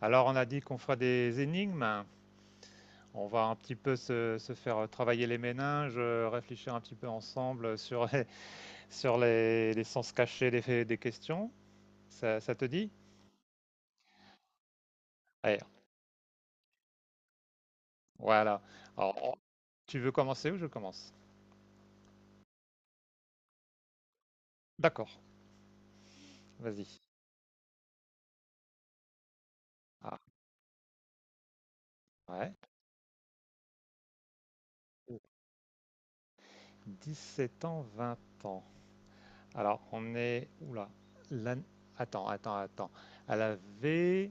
Alors, on a dit qu'on fera des énigmes. On va un petit peu se faire travailler les méninges, réfléchir un petit peu ensemble sur sur les sens cachés des questions. Ça te dit? Allez, voilà. Alors, on- Tu veux commencer ou je commence? D'accord, vas-y. Ah, ouais. 17 ans, 20 ans. Alors, on est... Oula. l'an- Attends, attends, attends. Elle avait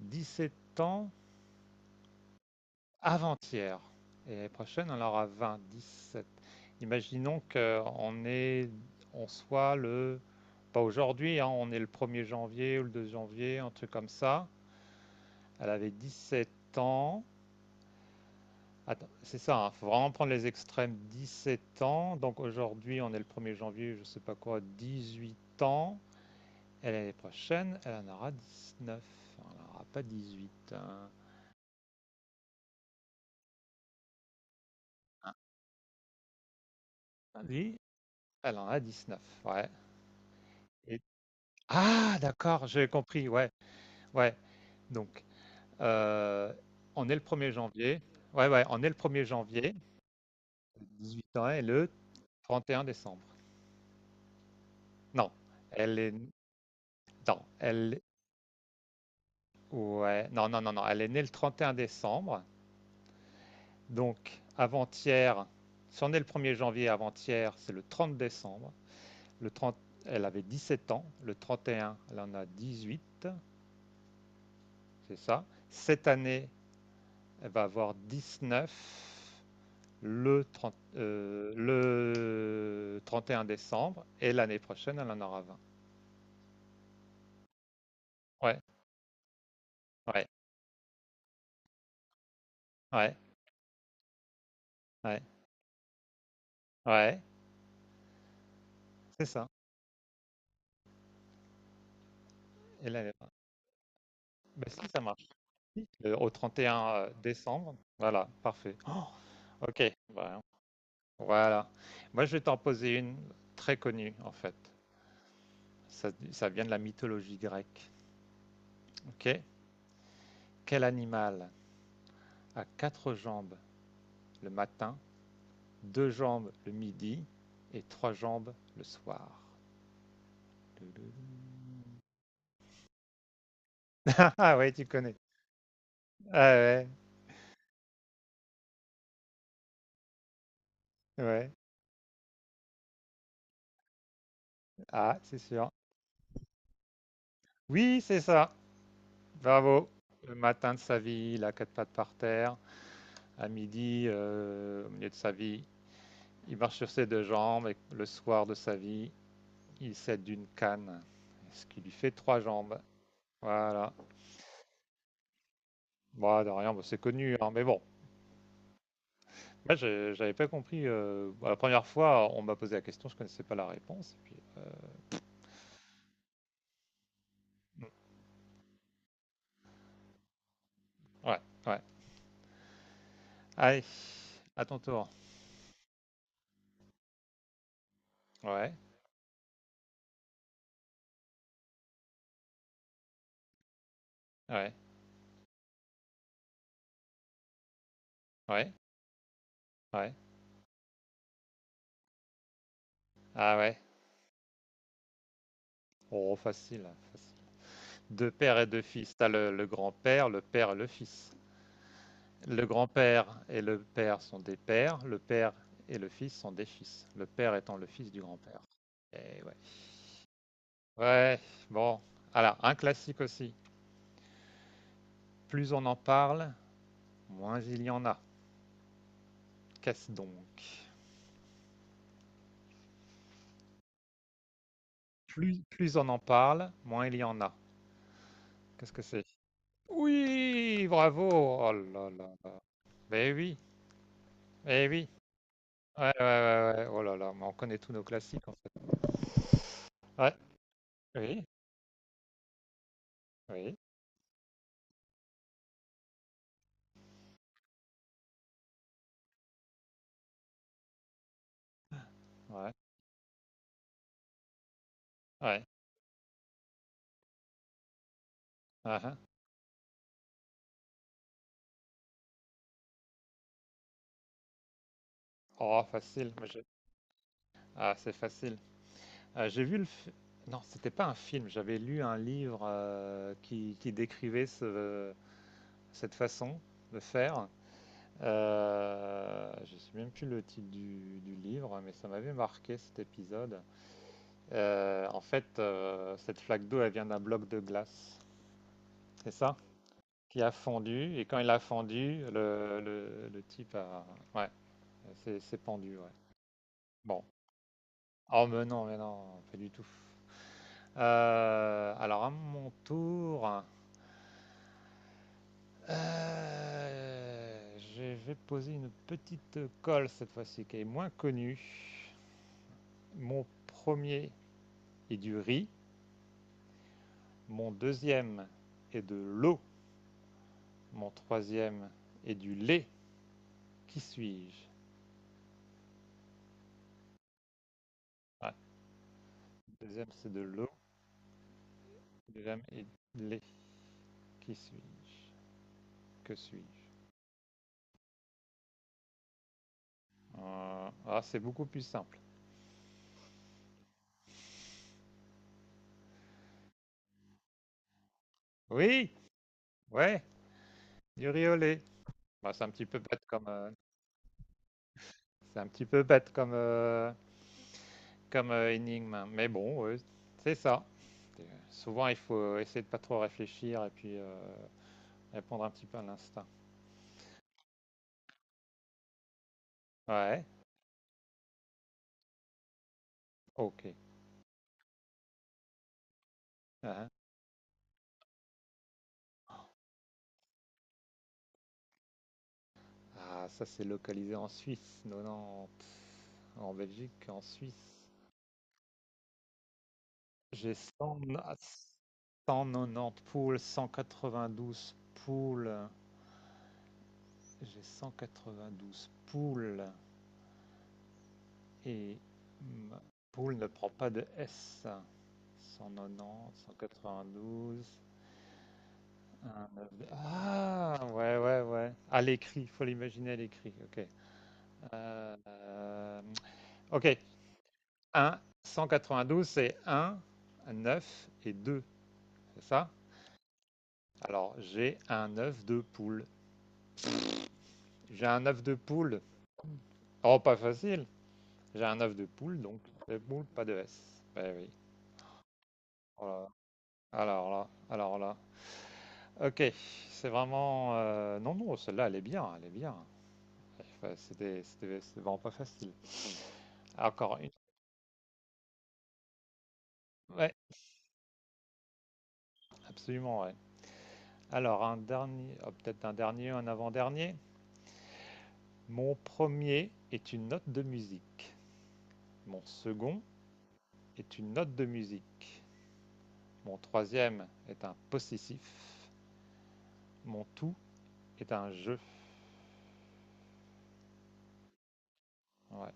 17 ans. Avant-hier. Et l'année prochaine, on en aura 20, 17. Imaginons qu'on est, on soit le, pas aujourd'hui, hein, on est le 1er janvier ou le 2 janvier, un truc comme ça. Elle avait 17 ans. Attends, c'est ça, il hein, faut vraiment prendre les extrêmes. 17 ans, donc aujourd'hui, on est le 1er janvier, je sais pas quoi, 18 ans. Et l'année prochaine, elle en aura 19. Elle n'en aura pas 18, hein. Oui, elle en a 19, ouais. Et Ah, d'accord, j'ai compris, ouais, ouais. Donc, heu, on est le 1er janvier. Ouais, ouais, on est le premier er janvier, 18 ans et le 31 décembre. Non, elle est non, elle ouais, non, non, non, non, elle est née le 31 décembre, donc avant-hier, si on est le 1er janvier, avant-hier, c'est le 30 décembre. Le trente, elle avait 17 ans, le 31 elle en a 18. C'est ça. Cette année, elle va avoir 19 le 31 décembre et l'année prochaine, elle en aura 20. Ouais, ouais, ouais, ouais, ouais, c'est ça. Et l'année prochaine. Ben, si ça marche, si, au 31 décembre, voilà, parfait. Oh, ok, voilà. Voilà. Moi, je vais t'en poser une très connue, en fait. Ça vient de la mythologie grecque. Ok. Quel animal a quatre jambes le matin, deux jambes le midi et trois jambes le soir? Doudou. Ah ouais, tu connais. Ah ouais, ouais. Ah, c'est sûr. Oui, c'est ça. Bravo. Le matin de sa vie, il a quatre pattes par terre. À midi, au milieu de sa vie, il marche sur ses deux jambes. Et le soir de sa vie, il s'aide d'une canne, ce qui lui fait trois jambes. Voilà. Bon, de rien, bon, c'est connu, hein, mais bon. Moi, j'avais pas compris. Bon, la première fois, on m'a posé la question, je connaissais pas la réponse. Ouais, ouais. Allez, à ton tour. Ouais, ouais, ouais, ouais. Ah ouais? Oh, facile, hein, facile. Deux pères et deux fils. T'as le grand-père, le père et le fils. Le grand-père et le père sont des pères. Le père et le fils sont des fils. Le père étant le fils du grand-père. Et ouais. Ouais, bon. Alors, un classique aussi. Plus on en parle, moins il y en a. Qu'est-ce donc? Plus on en parle, moins il y en a. Qu'est-ce que c'est? Oui, bravo! Oh là là là. Ben oui, eh oui. Ouais, ouais, ouais, ouais. Oh là là, mais on connaît tous nos classiques, en fait. Ouais, oui, oui, ouais, ouais. Ah, ah. Oh, facile. Ah, c'est facile. J'ai vu le. Fi- Non, c'était pas un film. J'avais lu un livre qui décrivait cette façon de faire. Je sais même plus le titre du livre, mais ça m'avait marqué cet épisode. En fait, cette flaque d'eau, elle vient d'un bloc de glace. C'est ça? Qui a fondu, et quand il a fondu, le type a... Ouais, c'est pendu, ouais. Bon. Oh, mais non, pas du tout. Alors, à mon tour, je vais poser une petite colle cette fois-ci, qui est moins connue. Mon premier est du riz, mon deuxième est de l'eau, mon troisième est du lait. Qui suis-je? Ah, le deuxième, c'est de l'eau, le deuxième est de lait. Qui suis-je? Que suis-je? Ah, c'est beaucoup plus simple. Oui, ouais, du riolet. Bah, c'est un petit peu bête comme, énigme, hein. Mais bon, ouais, c'est ça. Euh, Souvent, il faut essayer de pas trop réfléchir et puis répondre un petit peu à l'instinct. Ouais, ok. Hein. Ah, ça c'est localisé en Suisse, non, non, pff, en Belgique, en Suisse. J'ai 100 190 poules, 192 poules. J'ai 192 poules et poule ne prend pas de S. 190, 192, 1, 9, ah, ouais, ouais, ouais. À l'écrit, il faut l'imaginer à l'écrit. Ok. Euh, ok, 1, 192, c'est un 9 et deux. C'est ça. Alors, j'ai un œuf de poule. J'ai un œuf de poule. Oh, pas facile. J'ai un œuf de poule, donc c'est poule, pas de S. Ben oui. Oh, alors là, alors là. Ok, c'est vraiment... Non, non, celle-là, elle est bien, elle est bien. Enfin, C'était vraiment pas facile. Ah, encore une. Ouais, absolument, ouais. Alors, un dernier, ah, peut-être un dernier, un avant-dernier. Mon premier est une note de musique. Mon second est une note de musique. Mon troisième est un possessif. Mon tout est un jeu. Ouais.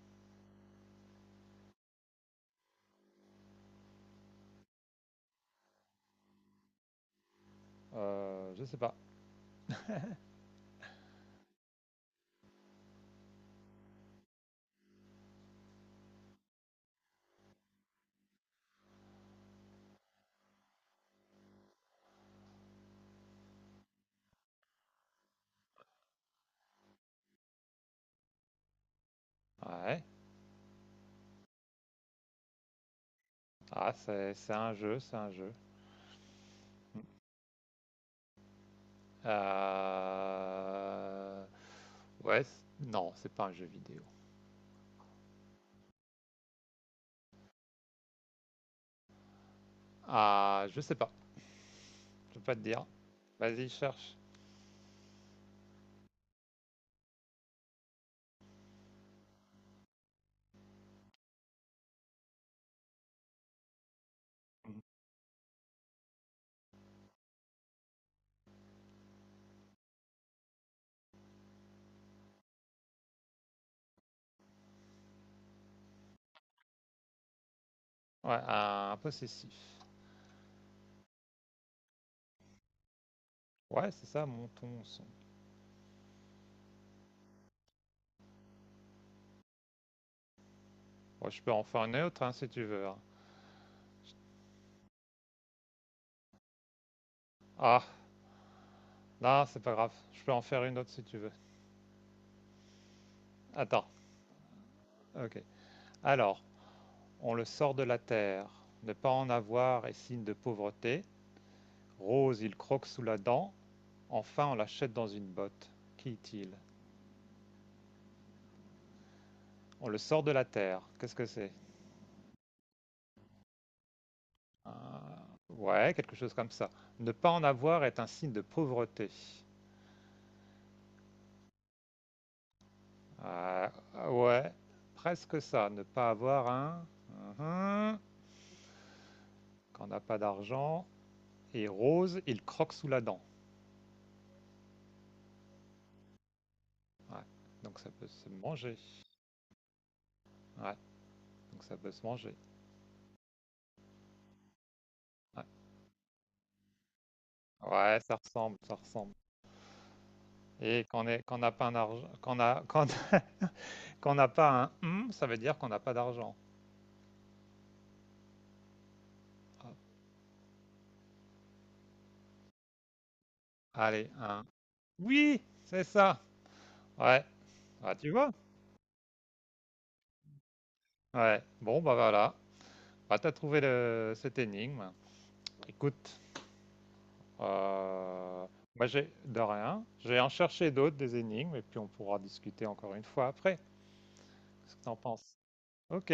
Je sais pas. Ouais. Ah, c'est un jeu, c'est un jeu. Euh, Ouais, non, c'est pas un jeu vidéo. Ah, je sais pas, je peux pas te dire. Vas-y, cherche. Mhm. Ouais, un possessif. Ouais, c'est ça, monton son. Ouais, je peux en faire une autre, hein, si tu veux, hein. Ah, non, c'est pas grave. Je peux en faire une autre si tu veux. Attends, ok. Alors, on le sort de la terre. Ne pas en avoir est signe de pauvreté. Rose, il croque sous la dent. Enfin, on l'achète dans une botte. Qui est-il? On le sort de la terre. Qu'est-ce que c'est? Euh, Ouais, quelque chose comme ça. Ne pas en avoir est un signe de pauvreté. Ah, ouais, presque ça. Ne pas avoir un. Mhm. Quand on n'a pas d'argent. Et Rose, il croque sous la dent. Ouais. Donc ça peut se manger. Ouais, donc ça peut se manger. Ouais, ouais, ça ressemble, ça ressemble. Et quand on n'a pas un argent, quand a, quand, quand n'a pas un ça veut dire qu'on n'a pas d'argent. Allez, un oui, c'est ça. Ouais, ah, tu vois. Ouais, bon, bah voilà. Bah, t'as trouvé le... cette énigme. Écoute, euh, moi j'ai de rien. Je vais en chercher d'autres, des énigmes, et puis on pourra discuter encore une fois après. Qu'est-ce que t'en penses? Ok,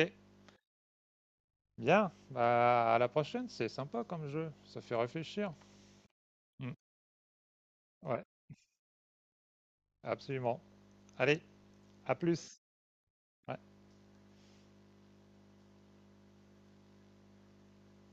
bien. Bah, à la prochaine, c'est sympa comme jeu. Ça fait réfléchir. Mm. Ouais, absolument. Allez, à plus. Ouais.